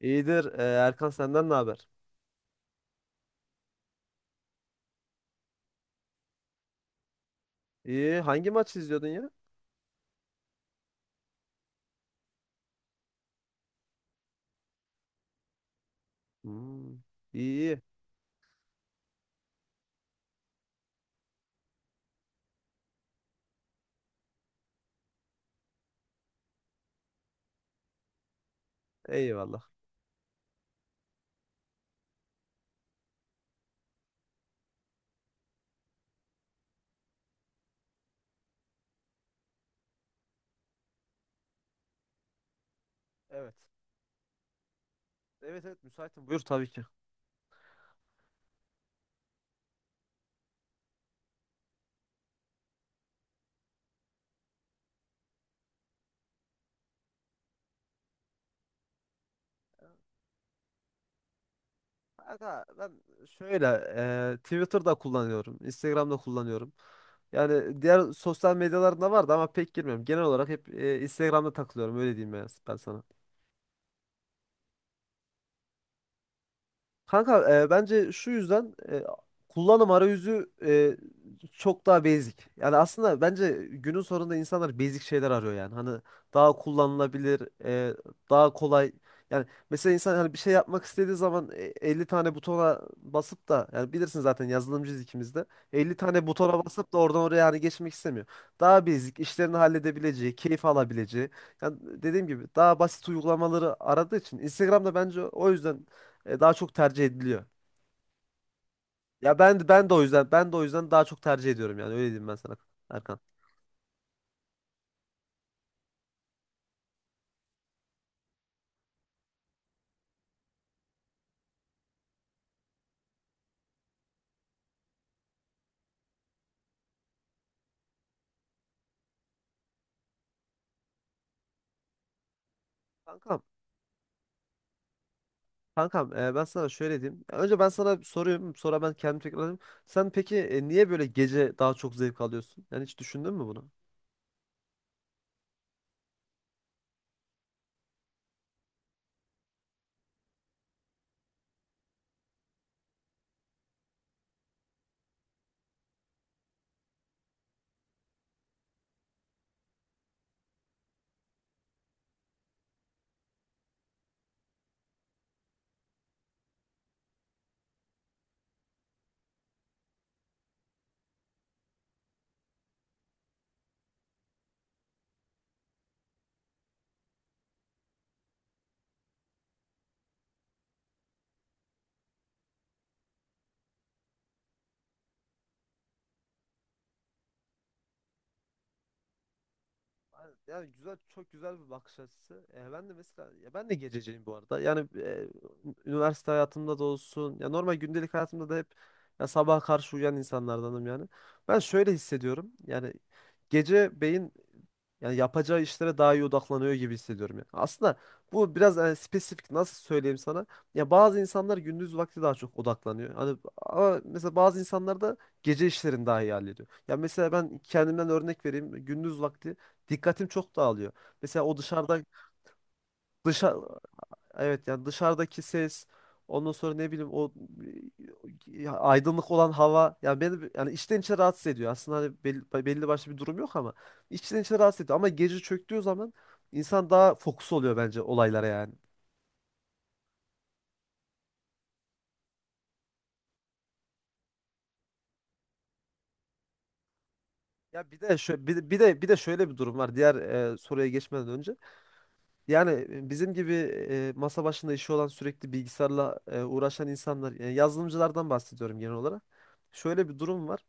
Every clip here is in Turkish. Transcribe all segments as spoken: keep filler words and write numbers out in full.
İyidir. Ee, Erkan, senden ne haber? İyi. Hangi maçı izliyordun ya? Hmm. İyi, iyi. Eyvallah. Evet. Evet evet müsaitim. Buyur tabii ki. Kanka, ben şöyle e, Twitter'da kullanıyorum. Instagram'da kullanıyorum. Yani diğer sosyal medyalarında vardı ama pek girmiyorum. Genel olarak hep e, Instagram'da takılıyorum. Öyle diyeyim ben, ben sana. Kanka, e, bence şu yüzden, e, kullanım arayüzü e, çok daha basic. Yani aslında bence günün sonunda insanlar basic şeyler arıyor yani. Hani daha kullanılabilir, e, daha kolay. Yani mesela insan hani bir şey yapmak istediği zaman e, elli tane butona basıp da, yani bilirsin zaten yazılımcıyız ikimiz de. elli tane butona basıp da oradan oraya hani geçmek istemiyor. Daha basic, işlerini halledebileceği, keyif alabileceği. Yani dediğim gibi daha basit uygulamaları aradığı için Instagram'da bence o yüzden e, daha çok tercih ediliyor. Ya ben de ben de o yüzden, ben de o yüzden daha çok tercih ediyorum yani. Öyle diyeyim ben sana, Erkan. Kankam, kankam e, ben sana şöyle diyeyim. Önce ben sana bir sorayım, sonra ben kendim tekrarlayayım. Sen peki e, niye böyle gece daha çok zevk alıyorsun? Yani hiç düşündün mü bunu? Aynen. Yani güzel, çok güzel bir bakış açısı. E, ben de mesela, ya ben de gececiyim bu arada. Yani e, üniversite hayatımda da olsun, ya normal gündelik hayatımda da hep ya sabaha karşı uyuyan insanlardanım yani. Ben şöyle hissediyorum. Yani gece beyin yani yapacağı işlere daha iyi odaklanıyor gibi hissediyorum ya. Aslında bu biraz e, spesifik, nasıl söyleyeyim sana? Ya bazı insanlar gündüz vakti daha çok odaklanıyor. Hani ama mesela bazı insanlar da gece işlerini daha iyi hallediyor. Ya mesela ben kendimden örnek vereyim. Gündüz vakti dikkatim çok dağılıyor. Mesela o dışarıdan dışa evet yani dışarıdaki ses, ondan sonra ne bileyim o e, ya aydınlık olan hava yani beni, yani içten içe rahatsız ediyor. Aslında hani belli, belli başlı bir durum yok ama içten içe rahatsız ediyor. Ama gece çöktüğü zaman insan daha fokus oluyor bence olaylara yani. Ya bir de şöyle bir, de bir de bir de şöyle bir durum var diğer e, soruya geçmeden önce. Yani e, bizim gibi e, masa başında işi olan, sürekli bilgisayarla e, uğraşan insanlar, yani yazılımcılardan bahsediyorum genel olarak. Şöyle bir durum var.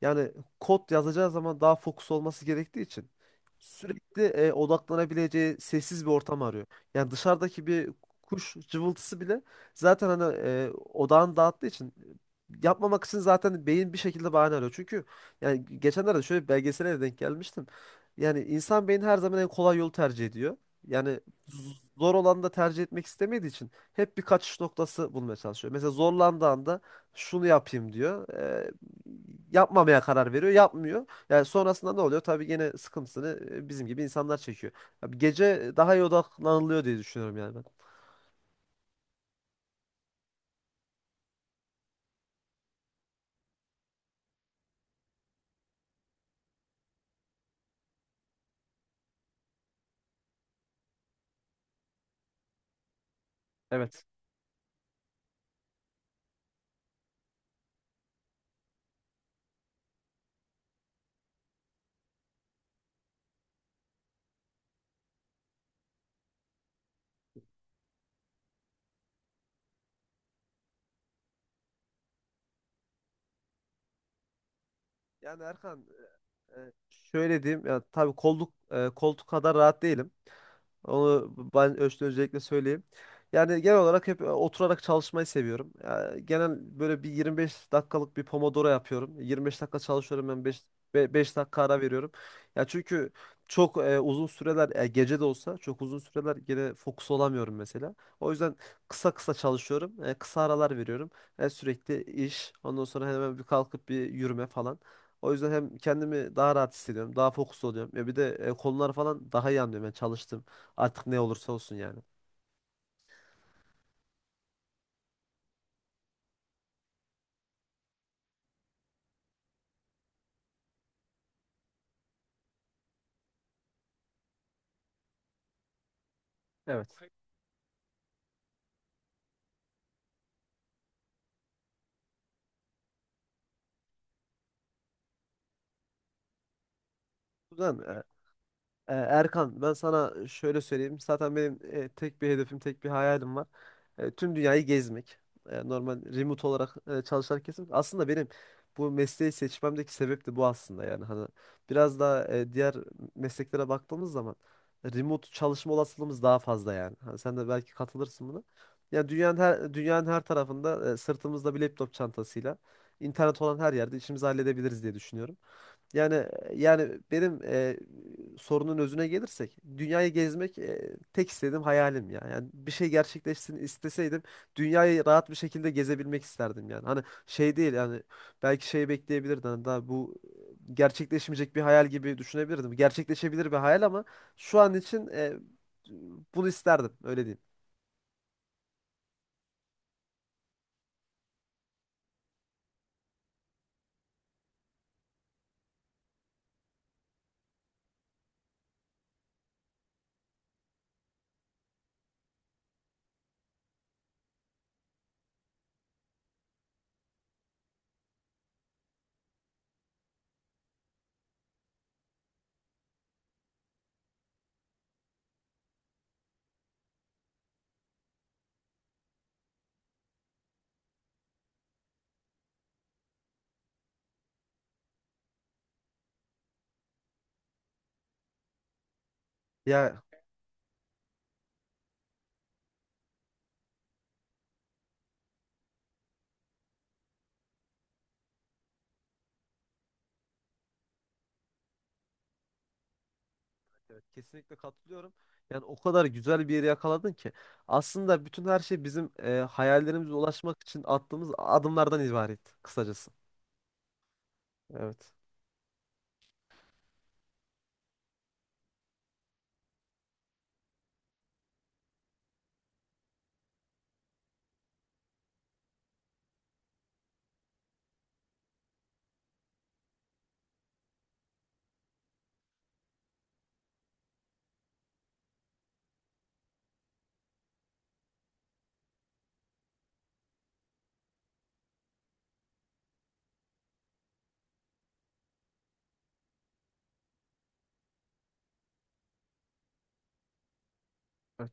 Yani kod yazacağı zaman daha fokus olması gerektiği için sürekli e, odaklanabileceği sessiz bir ortam arıyor. Yani dışarıdaki bir kuş cıvıltısı bile zaten hani e, odağını dağıttığı için, yapmamak için zaten beyin bir şekilde bahane arıyor. Çünkü yani geçenlerde şöyle bir belgesele de denk gelmiştim. Yani insan beyni her zaman en kolay yolu tercih ediyor. Yani zor olanı da tercih etmek istemediği için hep bir kaçış noktası bulmaya çalışıyor. Mesela zorlandığı anda şunu yapayım diyor. E, Yapmamaya karar veriyor. Yapmıyor. Yani sonrasında ne oluyor? Tabii gene sıkıntısını e, bizim gibi insanlar çekiyor. Abi gece daha iyi odaklanılıyor diye düşünüyorum yani ben. Evet. Yani Erkan, e, e, şöyle diyeyim. Yani tabii kolluk, e, koltuk kadar rahat değilim. Onu ben Öztürk'e özellikle söyleyeyim. Yani genel olarak hep e, oturarak çalışmayı seviyorum. Ya, genel böyle bir yirmi beş dakikalık bir Pomodoro yapıyorum. yirmi beş dakika çalışıyorum, ben beş beş dakika ara veriyorum. Ya çünkü çok e, uzun süreler, e, gece de olsa çok uzun süreler gene fokus olamıyorum mesela. O yüzden kısa kısa çalışıyorum, e, kısa aralar veriyorum. E, sürekli iş, ondan sonra hemen bir kalkıp bir yürüme falan. O yüzden hem kendimi daha rahat hissediyorum, daha fokus oluyorum. Ya bir de e, konular falan daha iyi anlıyorum. Yani çalıştım. Artık ne olursa olsun yani. Evet. Ulan e, e, Erkan, ben sana şöyle söyleyeyim. Zaten benim e, tek bir hedefim, tek bir hayalim var. E, tüm dünyayı gezmek. E, normal remote olarak e, çalışarak gezmek. Aslında benim bu mesleği seçmemdeki sebep de bu aslında yani. Hani biraz daha e, diğer mesleklere baktığımız zaman remote çalışma olasılığımız daha fazla yani. Hani sen de belki katılırsın buna. Yani dünyanın her dünyanın her tarafında e, sırtımızda bir laptop çantasıyla internet olan her yerde işimizi halledebiliriz diye düşünüyorum. Yani e, yani benim e, sorunun özüne gelirsek dünyayı gezmek e, tek istediğim hayalim ya. Yani bir şey gerçekleşsin isteseydim, dünyayı rahat bir şekilde gezebilmek isterdim yani. Hani şey değil yani, belki şey bekleyebilirdim, hani daha bu e, gerçekleşmeyecek bir hayal gibi düşünebilirdim. Gerçekleşebilir bir hayal ama şu an için e, bunu isterdim, öyle diyeyim. Ya, evet, kesinlikle katılıyorum. Yani o kadar güzel bir yeri yakaladın ki. Aslında bütün her şey bizim e, hayallerimize ulaşmak için attığımız adımlardan ibaret kısacası. Evet. Evet.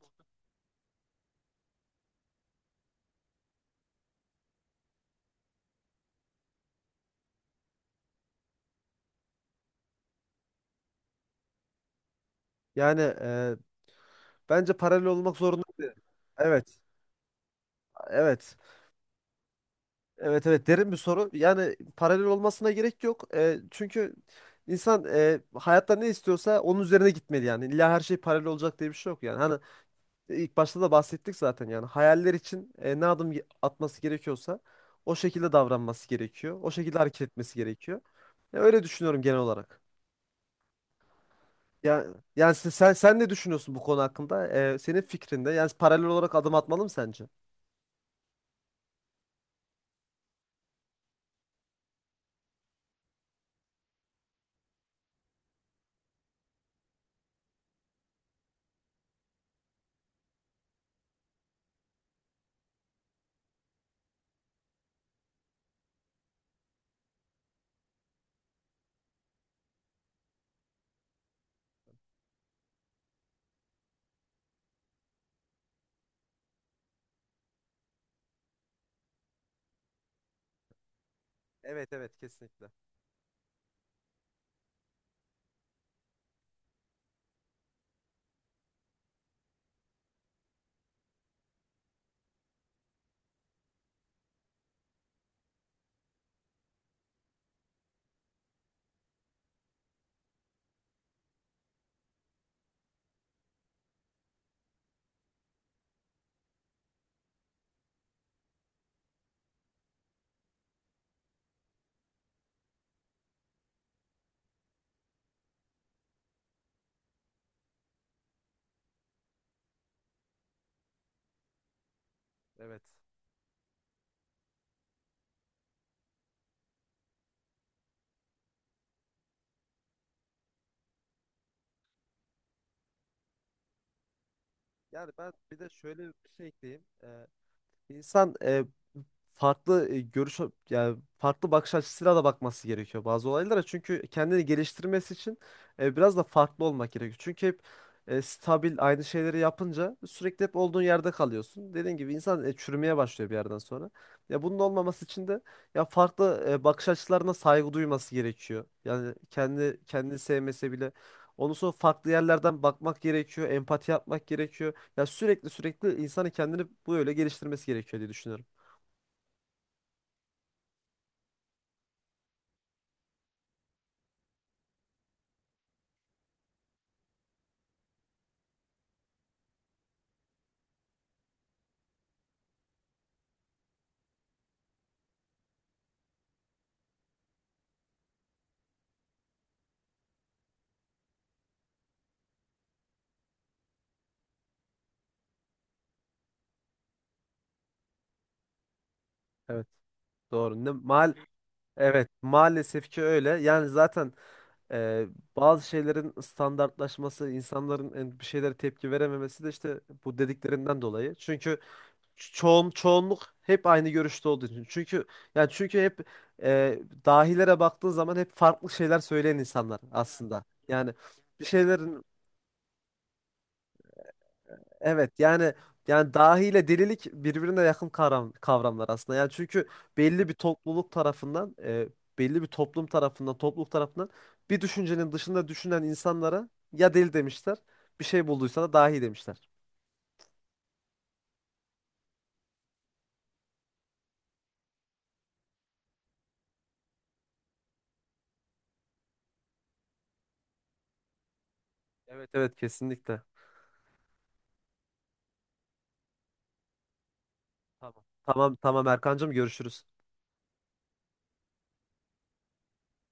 Yani, e, bence paralel olmak zorundaydı. Evet. Evet. Evet, evet, derin bir soru. Yani paralel olmasına gerek yok. E, çünkü insan e, hayatta ne istiyorsa onun üzerine gitmeli yani. İlla her şey paralel olacak diye bir şey yok yani. Hani İlk başta da bahsettik zaten, yani hayaller için e, ne adım ge- atması gerekiyorsa o şekilde davranması gerekiyor. O şekilde hareket etmesi gerekiyor. Ya öyle düşünüyorum genel olarak. Ya, yani sen, sen sen ne düşünüyorsun bu konu hakkında? E, senin fikrinde yani paralel olarak adım atmalı mı sence? Evet, evet kesinlikle. Evet. Yani ben bir de şöyle bir şey ekleyeyim. Ee, insan e, farklı e, görüş yani farklı bakış açısıyla da bakması gerekiyor bazı olaylara. Çünkü kendini geliştirmesi için e, biraz da farklı olmak gerekiyor. Çünkü hep e, stabil aynı şeyleri yapınca sürekli hep olduğun yerde kalıyorsun. Dediğim gibi insan e, çürümeye başlıyor bir yerden sonra. Ya bunun olmaması için de ya farklı e, bakış açılarına saygı duyması gerekiyor. Yani kendi kendini sevmese bile ondan sonra farklı yerlerden bakmak gerekiyor, empati yapmak gerekiyor. Ya sürekli sürekli insanın kendini böyle geliştirmesi gerekiyor diye düşünüyorum. Evet. Doğru. Ne, maal evet, maalesef ki öyle. Yani zaten e, bazı şeylerin standartlaşması, insanların en- bir şeylere tepki verememesi de işte bu dediklerinden dolayı. Çünkü ço- çoğun çoğunluk hep aynı görüşte olduğu için. Çünkü yani çünkü hep e, dahilere baktığın zaman hep farklı şeyler söyleyen insanlar aslında. Yani bir şeylerin evet yani, yani dahi ile delilik birbirine yakın kavram, kavramlar aslında. Yani çünkü belli bir topluluk tarafından, e, belli bir toplum tarafından, topluluk tarafından bir düşüncenin dışında düşünen insanlara ya deli demişler, bir şey bulduysa da dahi demişler. Evet, evet kesinlikle. Tamam. Tamam tamam Erkancığım, görüşürüz.